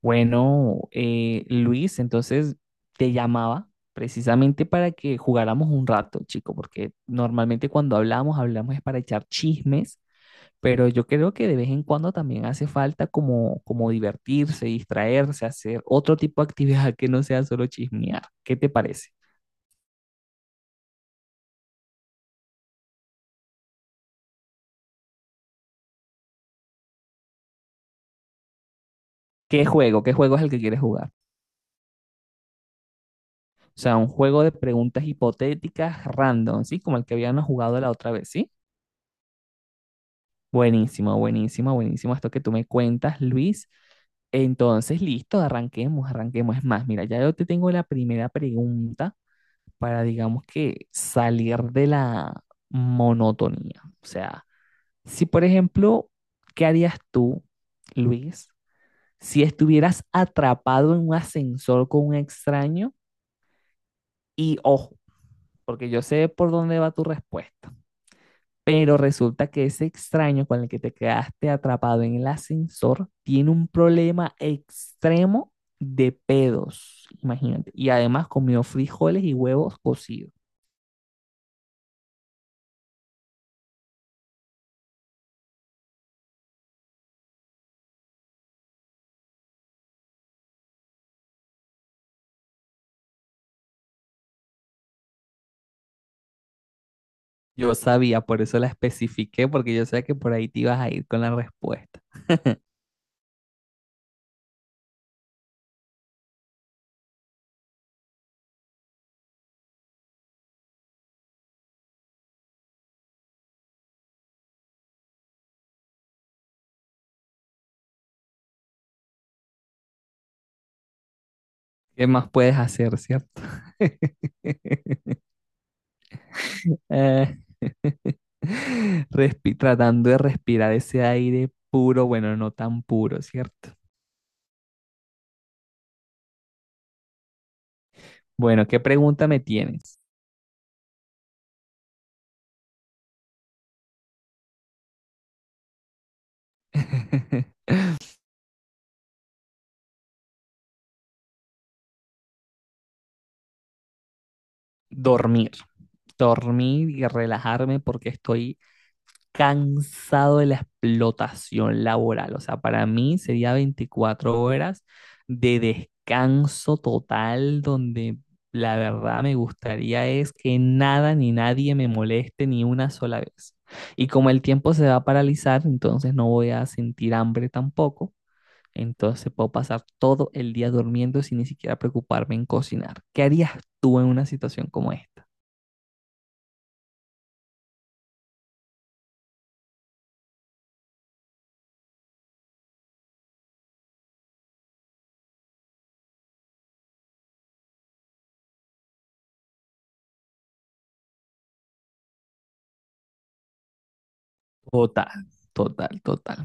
Bueno, Luis, entonces te llamaba precisamente para que jugáramos un rato, chico, porque normalmente cuando hablamos, hablamos es para echar chismes, pero yo creo que de vez en cuando también hace falta como divertirse, distraerse, hacer otro tipo de actividad que no sea solo chismear. ¿Qué te parece? ¿Qué juego? ¿Qué juego es el que quieres jugar? O sea, un juego de preguntas hipotéticas random, ¿sí? Como el que habíamos jugado la otra vez, ¿sí? Buenísimo, buenísimo, buenísimo esto que tú me cuentas, Luis. Entonces, listo, arranquemos, arranquemos. Es más, mira, ya yo te tengo la primera pregunta para, digamos que, salir de la monotonía. O sea, si por ejemplo, ¿qué harías tú, Luis, si estuvieras atrapado en un ascensor con un extraño? Y ojo, porque yo sé por dónde va tu respuesta. Pero resulta que ese extraño con el que te quedaste atrapado en el ascensor tiene un problema extremo de pedos, imagínate. Y además comió frijoles y huevos cocidos. Yo sabía, por eso la especifiqué, porque yo sabía que por ahí te ibas a ir con la respuesta. ¿Qué más puedes hacer, cierto? Eh, Tratando de respirar ese aire puro, bueno, no tan puro, ¿cierto? Bueno, ¿qué pregunta me tienes? Dormir. Dormir y relajarme porque estoy cansado de la explotación laboral. O sea, para mí sería 24 horas de descanso total donde la verdad me gustaría es que nada ni nadie me moleste ni una sola vez. Y como el tiempo se va a paralizar, entonces no voy a sentir hambre tampoco. Entonces puedo pasar todo el día durmiendo sin ni siquiera preocuparme en cocinar. ¿Qué harías tú en una situación como esta? Total, total, total.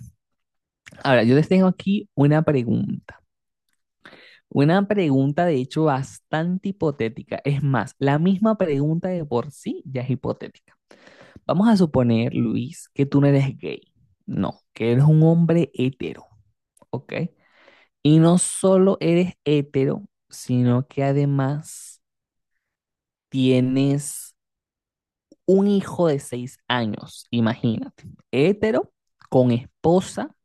Ahora, yo les tengo aquí una pregunta. Una pregunta, de hecho, bastante hipotética. Es más, la misma pregunta de por sí ya es hipotética. Vamos a suponer, Luis, que tú no eres gay. No, que eres un hombre hetero, ¿ok? Y no solo eres hetero, sino que además tienes un hijo de 6 años, imagínate, hetero, con esposa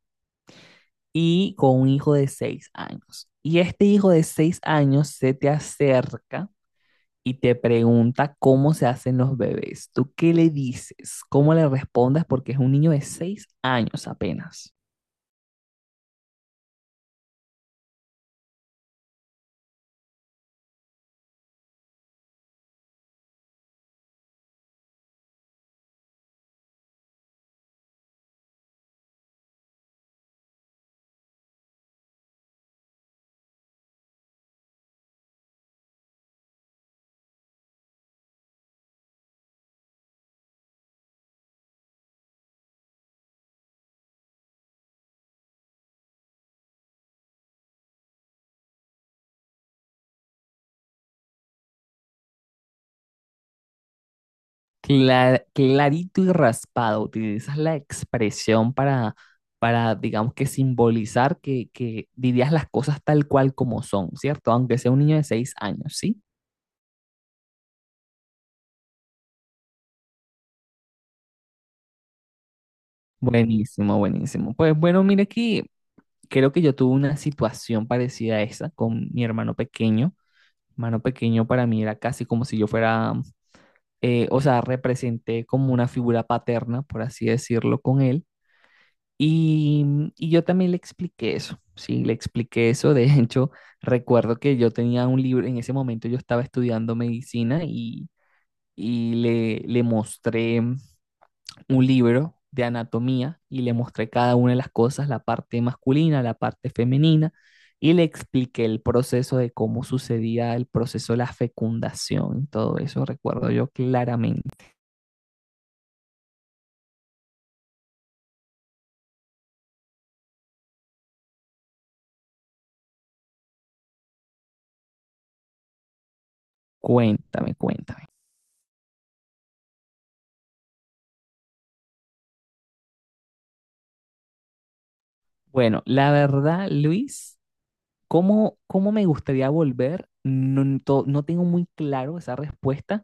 y con un hijo de 6 años. Y este hijo de 6 años se te acerca y te pregunta cómo se hacen los bebés. ¿Tú qué le dices? ¿Cómo le respondes? Porque es un niño de 6 años apenas. Clarito y raspado, utilizas la expresión para digamos que simbolizar que dirías las cosas tal cual como son, ¿cierto? Aunque sea un niño de 6 años, ¿sí? Buenísimo, buenísimo. Pues bueno, mira aquí, creo que yo tuve una situación parecida a esa con mi hermano pequeño. Hermano pequeño para mí era casi como si yo fuera, o sea, representé como una figura paterna, por así decirlo, con él. Y, y yo también le expliqué eso, sí, le expliqué eso. De hecho, recuerdo que yo tenía un libro, en ese momento yo estaba estudiando medicina y le mostré un libro de anatomía y le mostré cada una de las cosas, la parte masculina, la parte femenina, y le expliqué el proceso de cómo sucedía el proceso de la fecundación, todo eso recuerdo yo claramente. Cuéntame, cuéntame. Bueno, la verdad, Luis, ¿cómo me gustaría volver? No tengo muy claro esa respuesta,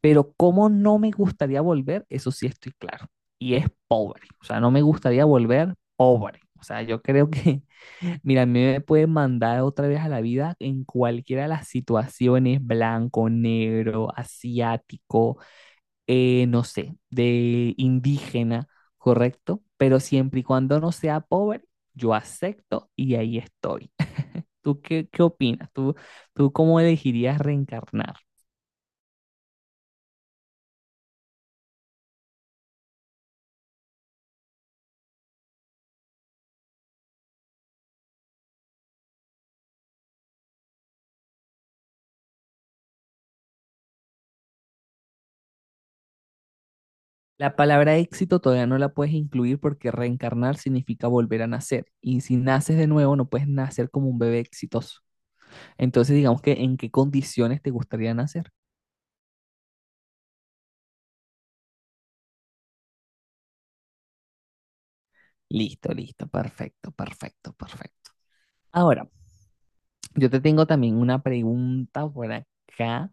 pero cómo no me gustaría volver, eso sí estoy claro. Y es pobre. O sea, no me gustaría volver pobre. O sea, yo creo que mira, a mí me puede mandar otra vez a la vida en cualquiera de las situaciones, blanco, negro, asiático, no sé, de indígena, ¿correcto? Pero siempre y cuando no sea pobre, yo acepto y ahí estoy. ¿Tú qué opinas? ¿Tú cómo elegirías reencarnar? La palabra éxito todavía no la puedes incluir porque reencarnar significa volver a nacer. Y si naces de nuevo, no puedes nacer como un bebé exitoso. Entonces, digamos que en qué condiciones te gustaría nacer. Listo, listo, perfecto, perfecto, perfecto. Ahora, yo te tengo también una pregunta por acá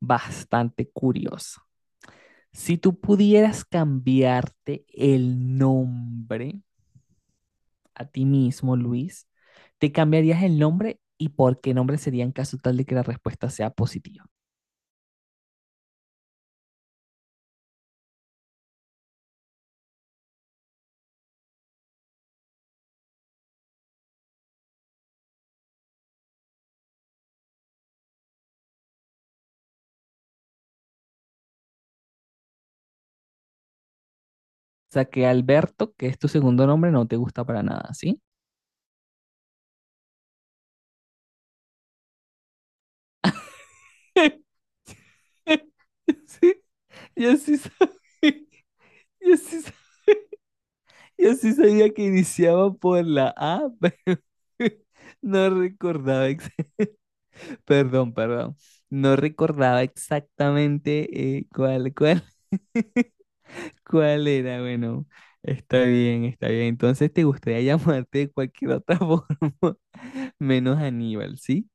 bastante curiosa. Si tú pudieras cambiarte el nombre a ti mismo, Luis, ¿te cambiarías el nombre y por qué nombre sería en caso tal de que la respuesta sea positiva? O sea, que Alberto, que es tu segundo nombre, no te gusta para nada, ¿sí? Sí, yo sí sabía. Yo sí, sa- yo sí sabía que iniciaba por la A, pero no recordaba, perdón, perdón, no recordaba exactamente cuál era. Bueno, está bien, está bien. Entonces te gustaría llamarte de cualquier otra forma, menos Aníbal, ¿sí?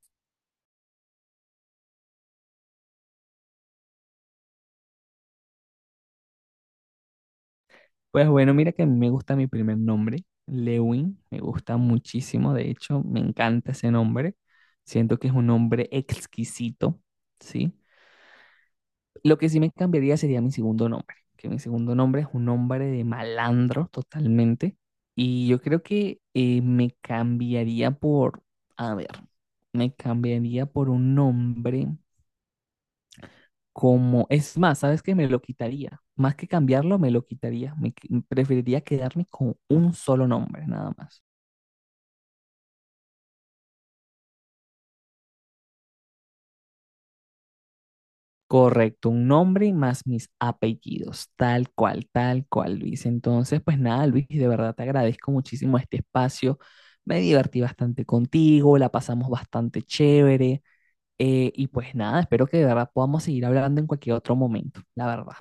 Pues bueno, mira que a mí me gusta mi primer nombre, Lewin, me gusta muchísimo, de hecho, me encanta ese nombre. Siento que es un nombre exquisito, ¿sí? Lo que sí me cambiaría sería mi segundo nombre, que mi segundo nombre es un nombre de malandro totalmente. Y yo creo que me cambiaría por, a ver, me cambiaría por un nombre como, es más, ¿sabes qué? Me lo quitaría. Más que cambiarlo, me lo quitaría. Preferiría quedarme con un solo nombre, nada más. Correcto, un nombre más mis apellidos, tal cual, Luis. Entonces, pues nada, Luis, de verdad te agradezco muchísimo este espacio. Me divertí bastante contigo, la pasamos bastante chévere. Y pues nada, espero que de verdad podamos seguir hablando en cualquier otro momento, la verdad.